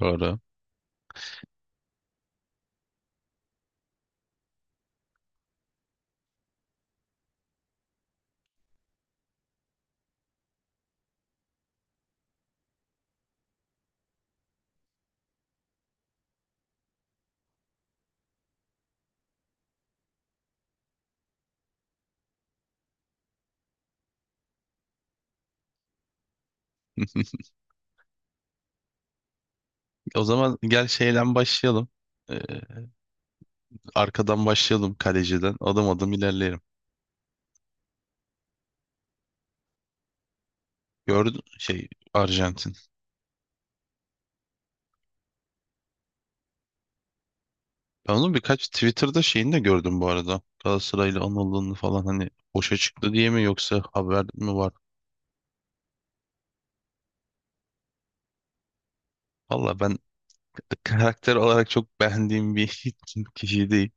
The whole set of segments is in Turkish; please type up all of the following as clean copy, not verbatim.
Doğru. O zaman gel şeyden başlayalım. Ee, Arkadan başlayalım kaleciden. Adım adım ilerleyelim. Gördün şey, Arjantin. Ben onun birkaç Twitter'da şeyini de gördüm bu arada. Galatasaray'la anıldığını falan, hani boşa çıktı diye mi yoksa haber mi var? Valla ben karakter olarak çok beğendiğim bir kişi değil.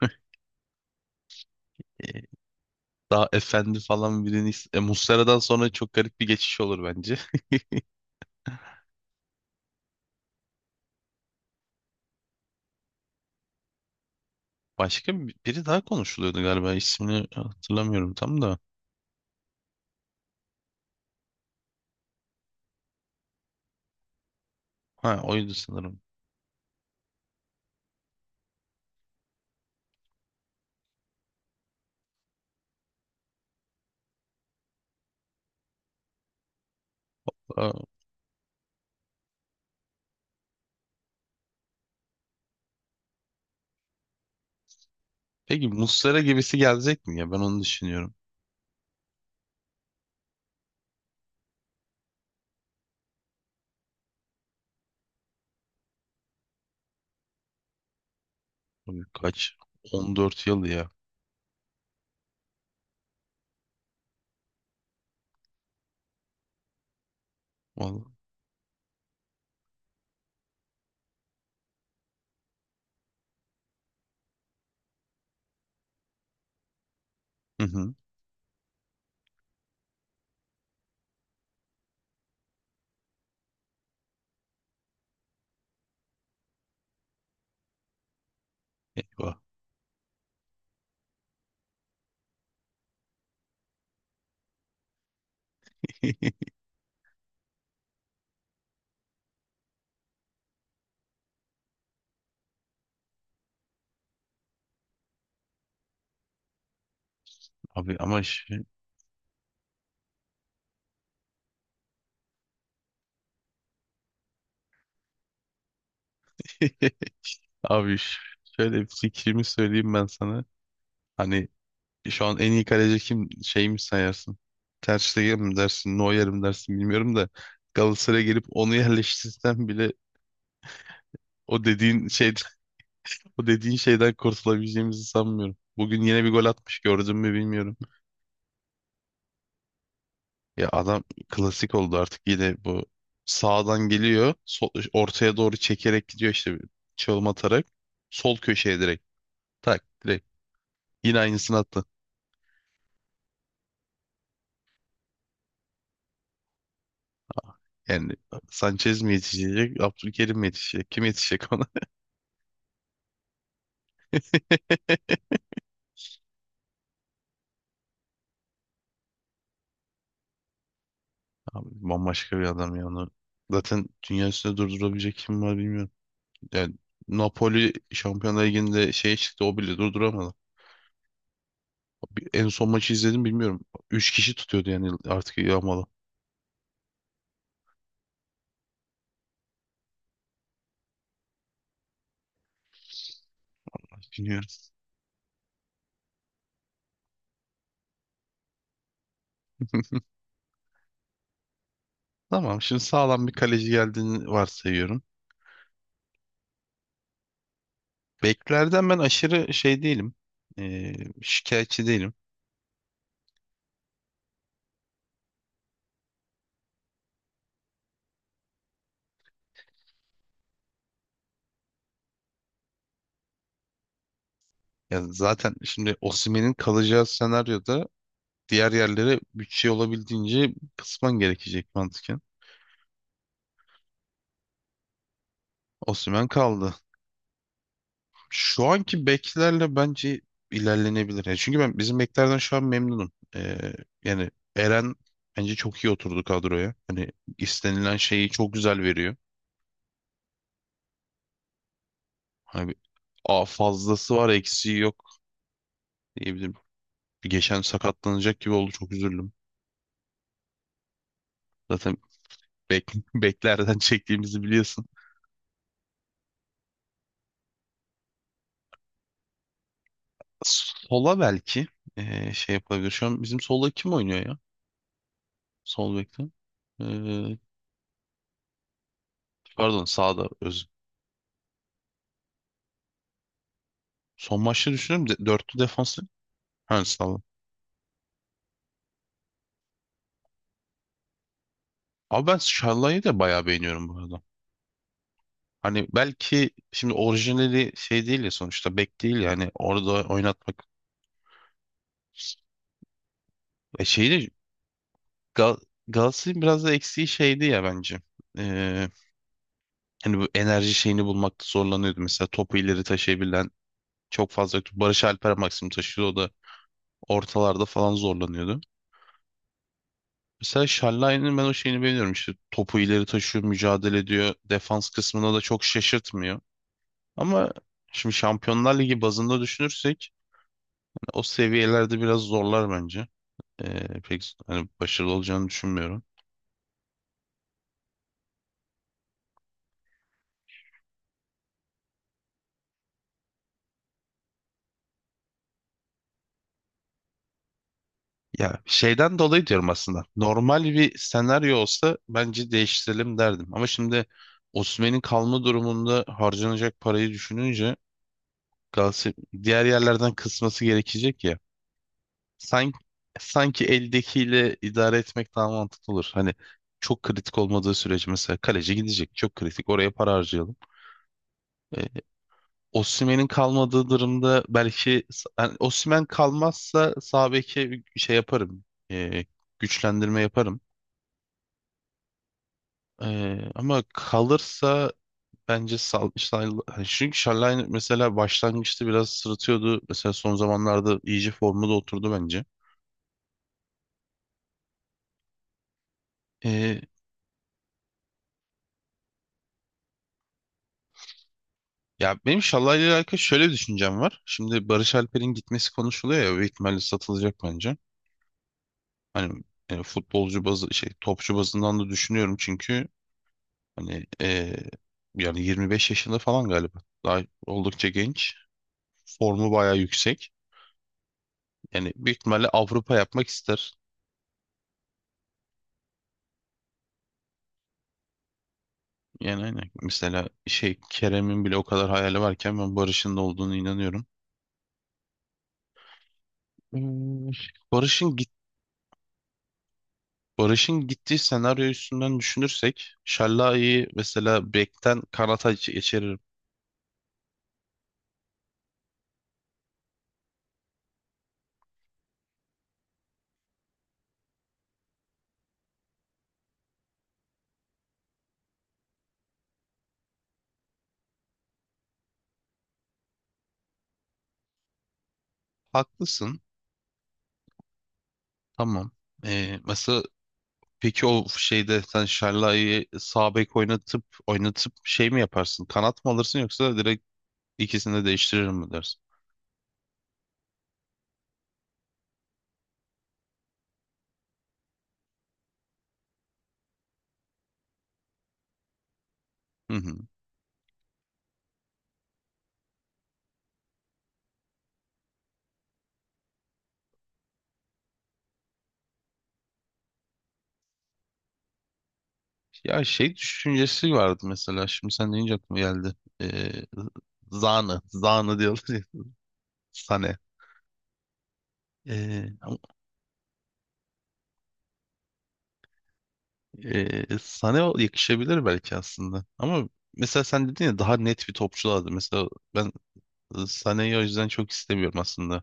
Ee, daha efendi falan birini... Muslera'dan sonra çok garip bir geçiş olur bence. Biri daha konuşuluyordu galiba, ismini hatırlamıyorum tam da. Ha, oydu sanırım. Aa, peki Muslera gibisi gelecek mi ya? Ben onu düşünüyorum. Abi kaç? 14 yıl ya. Vallahi. Hı hı. Eyvah. Abi ama ş- abi ş- Şöyle bir fikrimi söyleyeyim ben sana. Hani şu an en iyi kaleci kim, şey mi sayarsın? Ter Stegen mi dersin, Neuer mi dersin bilmiyorum da, Galatasaray'a gelip onu yerleştirsem bile o dediğin şeyden o dediğin şeyden kurtulabileceğimizi sanmıyorum. Bugün yine bir gol atmış, gördün mü bilmiyorum. Ya adam klasik oldu artık. Yine bu, sağdan geliyor sol, ortaya doğru çekerek gidiyor, işte bir çalım atarak sol köşeye direkt, tak direkt, yine aynısını attı. Yani Sanchez mi yetişecek, Abdülkerim mi yetişecek, kim yetişecek ona? Abi bambaşka bir adam ya onu, zaten dünya üstünde durdurabilecek kim var bilmiyorum. Yani Napoli Şampiyonlar Ligi'nde şeye çıktı, o bile durduramadı. En son maçı izledim bilmiyorum. Üç kişi tutuyordu yani artık, yağmalı. Bilmiyorum. Tamam. Şimdi sağlam bir kaleci geldiğini varsayıyorum. Beklerden ben aşırı şey değilim. Ee, şikayetçi değilim. Ya zaten şimdi Osimhen'in kalacağı senaryoda diğer yerlere bütçe olabildiğince kısman gerekecek mantıken. Osimhen kaldı. Şu anki beklerle bence ilerlenebilir. Yani çünkü ben bizim beklerden şu an memnunum. Yani Eren bence çok iyi oturdu kadroya. Hani istenilen şeyi çok güzel veriyor. Hani bir- a, fazlası var eksiği yok diyebilirim. Bir geçen sakatlanacak gibi oldu, çok üzüldüm. Zaten beklerden çektiğimizi biliyorsun. Sola belki e, şey yapabilir. Şu an bizim solda kim oynuyor ya? Sol bekte. E, pardon, sağda öz. Son maçta düşünüyorum de, dörtlü defansı. Ha, sağda. Abi ben Şallay'ı da bayağı beğeniyorum bu arada. Hani belki şimdi orijinali şey değil ya, sonuçta bek değil yani orada oynatmak. E şeyi de Gal Galatasaray'ın biraz da eksiği şeydi ya bence. Ee, hani bu enerji şeyini bulmakta zorlanıyordu. Mesela topu ileri taşıyabilen çok fazla yoktu. Barış Alper maksimum taşıyordu. O da ortalarda falan zorlanıyordu. Mesela Şallay'ın ben o şeyini beğeniyorum. İşte topu ileri taşıyor, mücadele ediyor. Defans kısmına da çok şaşırtmıyor. Ama şimdi Şampiyonlar Ligi bazında düşünürsek hani o seviyelerde biraz zorlar bence. Pek hani başarılı olacağını düşünmüyorum. Ya şeyden dolayı diyorum aslında. Normal bir senaryo olsa bence değiştirelim derdim. Ama şimdi Osimhen'in kalma durumunda harcanacak parayı düşününce Galatasaray diğer yerlerden kısması gerekecek ya. Sanki, sanki eldekiyle idare etmek daha mantıklı olur. Hani çok kritik olmadığı sürece, mesela kaleci gidecek. Çok kritik. Oraya para harcayalım. E, Osimhen'in kalmadığı durumda belki, yani Osimhen kalmazsa sağ beke şey yaparım. E, güçlendirme yaparım. Ama kalırsa bence hani çünkü Şallayn mesela başlangıçta biraz sırıtıyordu. Mesela son zamanlarda iyice formda oturdu bence. Ee, ya benim Şallay'la ile alakalı şöyle bir düşüncem var. Şimdi Barış Alper'in gitmesi konuşuluyor ya, büyük ihtimalle satılacak bence. Hani e, futbolcu bazı şey, topçu bazından da düşünüyorum çünkü hani e, yani 25 yaşında falan galiba. Daha oldukça genç. Formu bayağı yüksek. Yani büyük ihtimalle Avrupa yapmak ister. Yani aynen. Mesela şey Kerem'in bile o kadar hayali varken ben Barış'ın da olduğunu inanıyorum. Hmm, Barış'ın git Barış'ın gittiği senaryo üstünden düşünürsek Şallai'yi mesela bekten kanata geçiririm. Haklısın. Tamam. Mesela peki o şeyde sen Şallai'yi sağ bek oynatıp şey mi yaparsın? Kanat mı alırsın yoksa direkt ikisini de değiştirir mi dersin? Hı hı. Ya şey düşüncesi vardı mesela. Şimdi sen deyince aklıma geldi. Ee, Zanı. Zanı diyorlar ya. Sane. Ee, ama- Sane o- yakışabilir belki aslında. Ama mesela sen dedin ya, daha net bir topçu lazım. Mesela ben e, Sane'yi o yüzden çok istemiyorum aslında.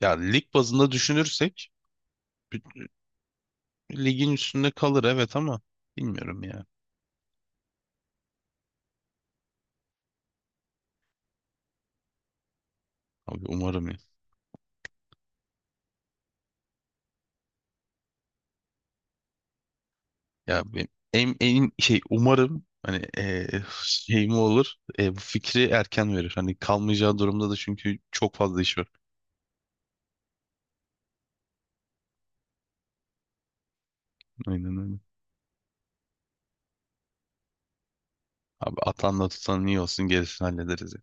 Ya lig bazında düşünürsek ligin üstünde kalır evet, ama bilmiyorum ya. Abi umarım ya. Ya ben en şey umarım hani e, şey mi olur, e, bu fikri erken verir. Hani kalmayacağı durumda da çünkü çok fazla iş var. Aynen öyle. Abi atanla tutan iyi olsun, gerisini hallederiz.